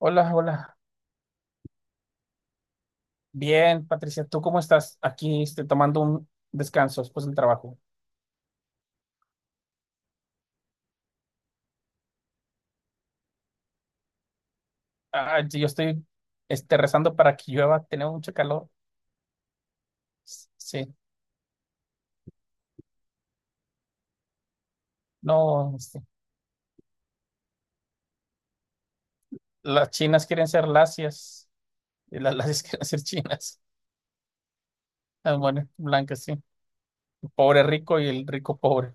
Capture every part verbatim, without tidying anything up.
Hola, hola. Bien, Patricia, ¿tú cómo estás? Aquí este, tomando un descanso después del trabajo. Ah, sí, yo estoy este, rezando para que llueva, tenemos mucho calor. S- Sí, no, este, las chinas quieren ser lacias y las lacias quieren ser chinas. Ah, bueno, blancas, sí. El pobre rico y el rico pobre.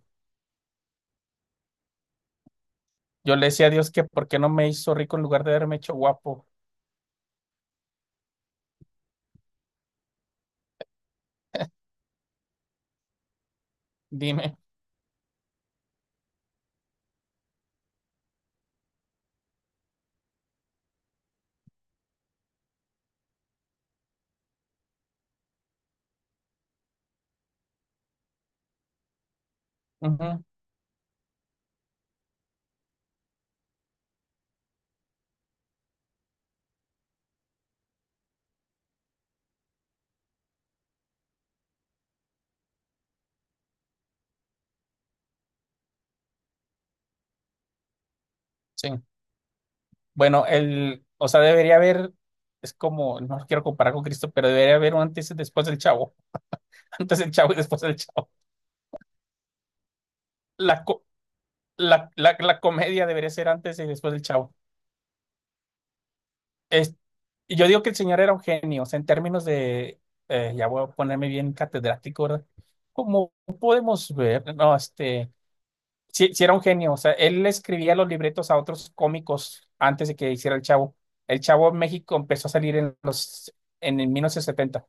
Yo le decía a Dios que por qué no me hizo rico en lugar de haberme hecho guapo. Dime. Ujú, sí. Bueno, el, o sea, debería haber, es como, no lo quiero comparar con Cristo, pero debería haber un antes y después del Chavo. Antes del Chavo y después del Chavo. La, co- la, la, la comedia debería ser antes y después del Chavo. Es, y yo digo que el señor era un genio, o sea, en términos de, eh, ya voy a ponerme bien catedrático, ¿verdad? Como podemos ver, no, este, sí, sí era un genio, o sea, él le escribía los libretos a otros cómicos antes de que hiciera el Chavo. El Chavo en México empezó a salir en los, en el mil novecientos setenta.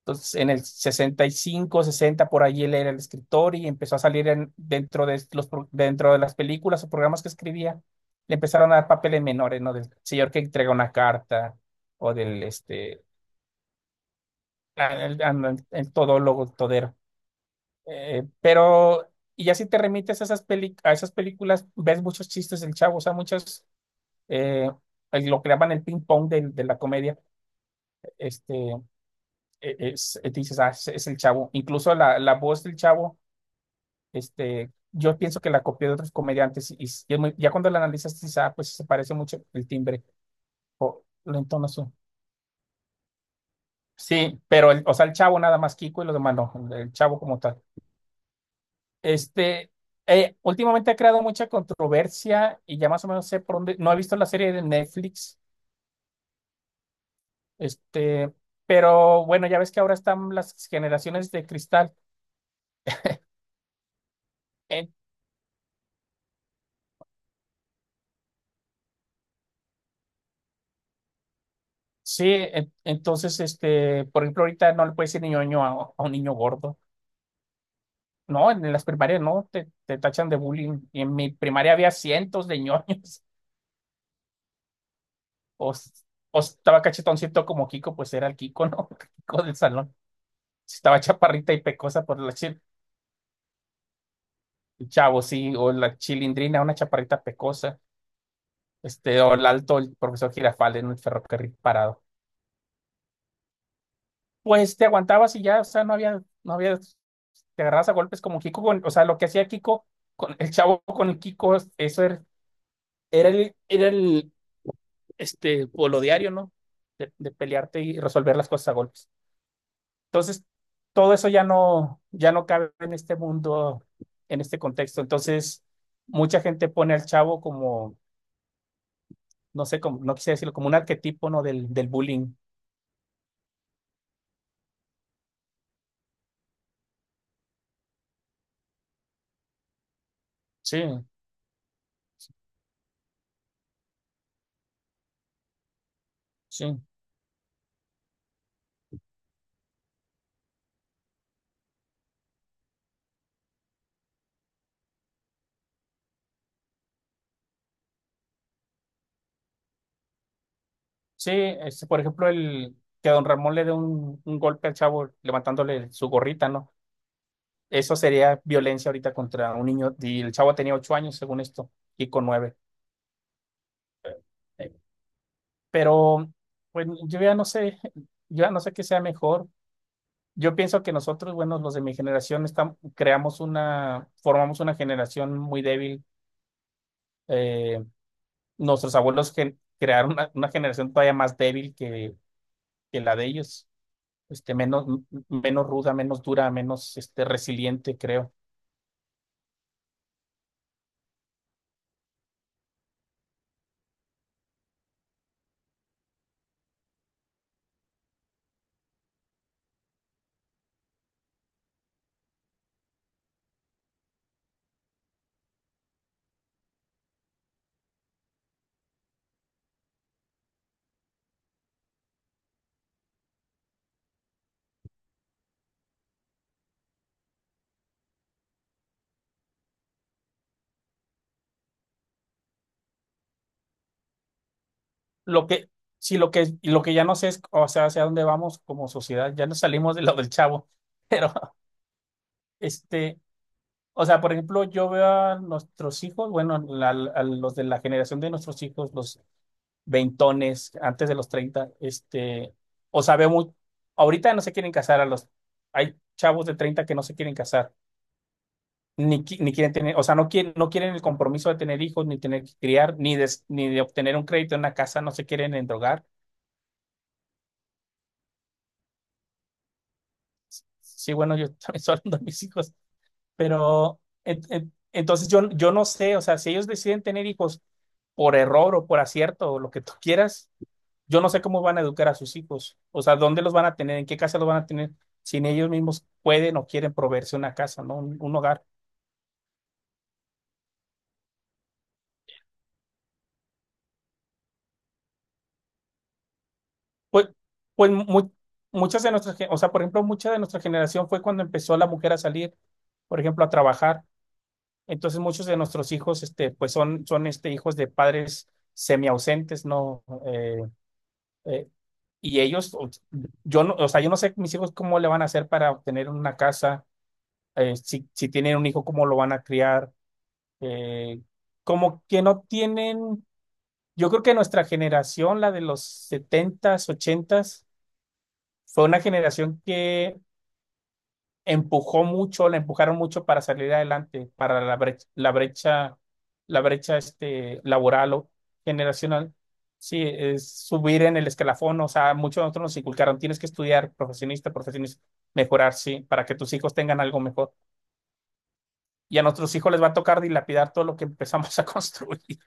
Entonces, en el sesenta y cinco, sesenta, por allí él era el escritor y empezó a salir en- dentro de los, pro- dentro de las películas o programas que escribía. Le empezaron a dar papeles menores, ¿no? Del señor que entrega una carta o del, este, a- el, a- el todólogo, el todero. Eh, pero, y ya si te remites a esas, peli- a esas películas, ves muchos chistes del chavo, o sea, muchos, eh, el- lo que llaman el ping-pong de, de la comedia, este, e- es, dices, ah, es, es el chavo. Incluso la, la voz del chavo. Este, yo pienso que la copió de otros comediantes y, y es muy- ya cuando la analizas, dices, ah, pues se parece mucho el timbre o la entonación. Sí, pero, el, o sea, el chavo nada más Kiko y los demás no, el, chavo como tal. Este, eh, Últimamente ha creado mucha controversia y ya más o menos sé por dónde, no he visto la serie de Netflix, este, pero bueno, ya ves que ahora están las generaciones de cristal. En- sí, en- entonces, este, por ejemplo, ahorita no le puedes decir ñoño a, a, un niño gordo. No, en las primarias no, te, te tachan de bullying. Y en mi primaria había cientos de ñoños. O, s- o estaba cachetoncito como Kiko, pues era el Kiko, ¿no? Kiko del salón. Si estaba chaparrita y pecosa por la chil, el chavo, sí, o la chilindrina, una chaparrita pecosa. Este, o el alto, el profesor Girafales en el ferrocarril parado. Pues te aguantabas y ya, o sea, no había, no había, te agarrabas a golpes como Kiko, con, o sea, lo que hacía Kiko, con el chavo con el Kiko, eso era, era el, era el este, o lo diario, ¿no? De, de, pelearte y resolver las cosas a golpes. Entonces, todo eso ya no, ya no, cabe en este mundo, en este contexto. Entonces, mucha gente pone al chavo como, no sé, como, no quisiera decirlo, como un arquetipo, ¿no? Del, del bullying. Sí, sí, sí. Este, por ejemplo, el que a don Ramón le dé un, un golpe al chavo levantándole su gorrita, ¿no? Eso sería violencia ahorita contra un niño. Y el chavo tenía ocho años, según esto, y con nueve. Eh, Pero, bueno, yo ya no sé, yo ya no sé qué sea mejor. Yo pienso que nosotros, bueno, los de mi generación, estamos, creamos una, formamos una generación muy débil. Eh, Nuestros abuelos gen- crearon una, una generación todavía más débil que, que la de ellos, este, menos, m- menos ruda, menos dura, menos este, resiliente, creo. Lo que, sí, lo que, lo que ya no sé es, o sea, hacia dónde vamos como sociedad. Ya no salimos de lo del chavo, pero este. O sea, por ejemplo, yo veo a nuestros hijos, bueno, la- a los de la generación de nuestros hijos, los veintones, antes de los treinta, este, o sea, veo muy, ahorita no se quieren casar a los, hay chavos de treinta que no se quieren casar, ni, qui- ni quieren tener, o sea, no quieren, no quieren el compromiso de tener hijos, ni tener que criar, ni de, ni de obtener un crédito en una casa, no se quieren endrogar. Sí, bueno, yo también estoy hablando de mis hijos. Pero et- et- entonces yo, yo no sé, o sea, si ellos deciden tener hijos por error o por acierto o lo que tú quieras, yo no sé cómo van a educar a sus hijos, o sea, dónde los van a tener, en qué casa los van a tener, si ni ellos mismos pueden o quieren proveerse una casa, ¿no? Un, un hogar. Pues, pues mu- muchas de nuestras, gen- o sea, por ejemplo, mucha de nuestra generación fue cuando empezó la mujer a salir, por ejemplo, a trabajar. Entonces muchos de nuestros hijos, este, pues son, son este, hijos de padres semiausentes, ¿no? Eh, eh, Y ellos, o- yo no, o sea, yo no sé mis hijos cómo le van a hacer para obtener una casa, eh, si, si tienen un hijo, cómo lo van a criar, eh, como que no tienen, yo creo que nuestra generación, la de los setentas ochentas fue una generación que empujó mucho, la empujaron mucho para salir adelante, para la brecha, la brecha, la brecha este, laboral o generacional. Sí, es subir en el escalafón, o sea, muchos de nosotros nos inculcaron, tienes que estudiar, profesionista, profesionista, mejorar, sí, para que tus hijos tengan algo mejor. Y a nuestros hijos les va a tocar dilapidar todo lo que empezamos a construir.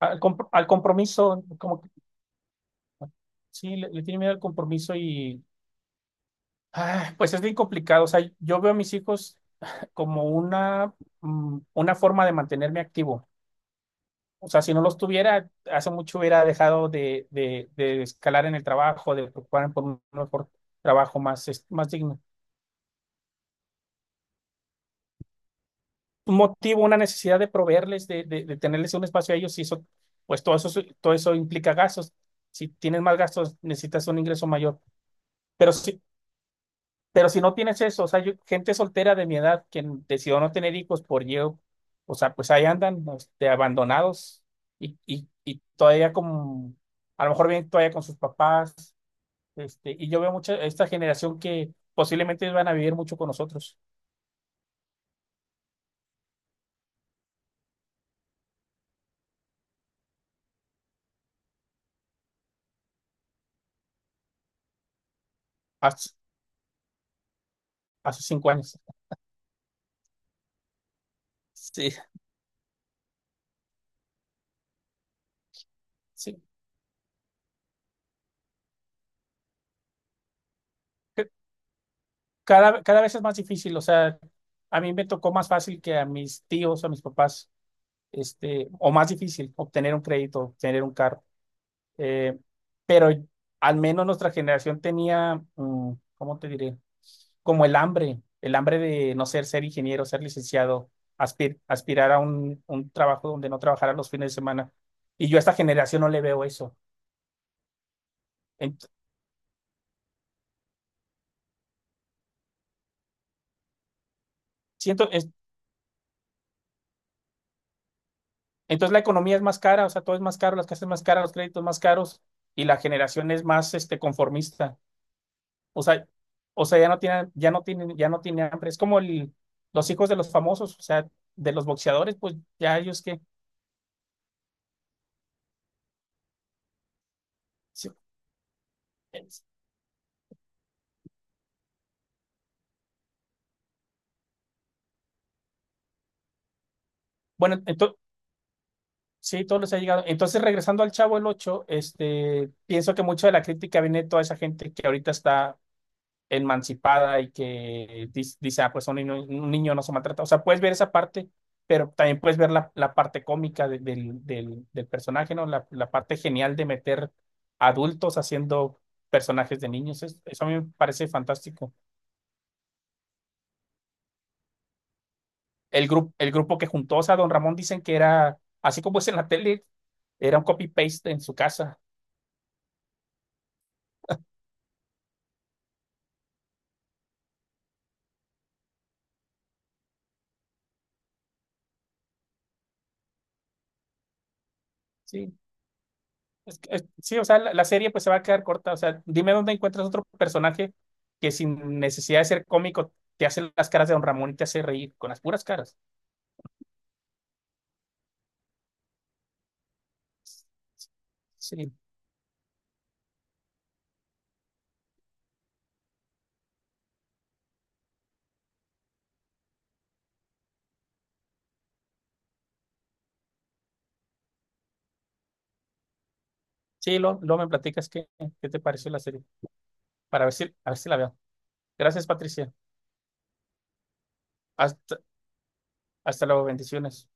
Al, comp- al compromiso, como que sí, le, le tiene miedo al compromiso y, ah, pues es bien complicado, o sea, yo veo a mis hijos como una, mm, una forma de mantenerme activo. O sea, si no los tuviera, hace mucho hubiera dejado de, de, de escalar en el trabajo, de preocuparme por un mejor trabajo más, es- más digno. Un motivo, una necesidad de proveerles, de, de, de tenerles un espacio a ellos, y eso, pues todo eso, todo eso implica gastos. Si tienes más gastos, necesitas un ingreso mayor. Pero si, Pero si no tienes eso, o sea, yo- gente soltera de mi edad que decidió no tener hijos por yo, o sea, pues ahí andan, este, abandonados y, y, y todavía como, a lo mejor vienen todavía con sus papás, este, y yo veo mucha, esta generación que posiblemente van a vivir mucho con nosotros, hace, hace cinco años. Sí, sí. C- Cada, cada vez es más difícil, o sea, a mí me tocó más fácil que a mis tíos, a mis papás, este, o más difícil obtener un crédito, obtener un carro. Eh, pero al menos nuestra generación tenía, mm, ¿cómo te diré? Como el hambre, el hambre de no ser, ser ingeniero, ser licenciado, aspir- aspirar a un, un trabajo donde no trabajara los fines de semana. Y yo a esta generación no le veo eso. Ent- siento, es- entonces la economía es más cara, o sea, todo es más caro, las casas más caras, los créditos más caros, y la generación es más este, conformista. O sea, o sea, ya no tiene, ya no tiene, ya no tiene hambre. Es como el- los hijos de los famosos, o sea, de los boxeadores, pues ya ellos que sí. Bueno, entonces, sí, todos les ha llegado. Entonces, regresando al Chavo el ocho este, pienso que mucho de la crítica viene de toda esa gente que ahorita está emancipada y que dis- dice, ah, pues un niño, un niño no se maltrata. O sea, puedes ver esa parte, pero también puedes ver la, la parte cómica de- del, del, del personaje, ¿no? La, la parte genial de meter adultos haciendo personajes de niños. Es- Eso a mí me parece fantástico. El grupo, el grupo que juntó, o sea, don Ramón dicen que era, así como es en la tele, era un copy-paste en su casa. Sí, es que- es- sí, o sea, la, la serie pues se va a quedar corta. O sea, dime dónde encuentras otro personaje que sin necesidad de ser cómico te hace las caras de don Ramón y te hace reír con las puras caras. Sí, sí, lo, luego me platicas qué, qué te pareció la serie, para ver si, a ver si la veo. Gracias, Patricia. Hasta, hasta luego, bendiciones.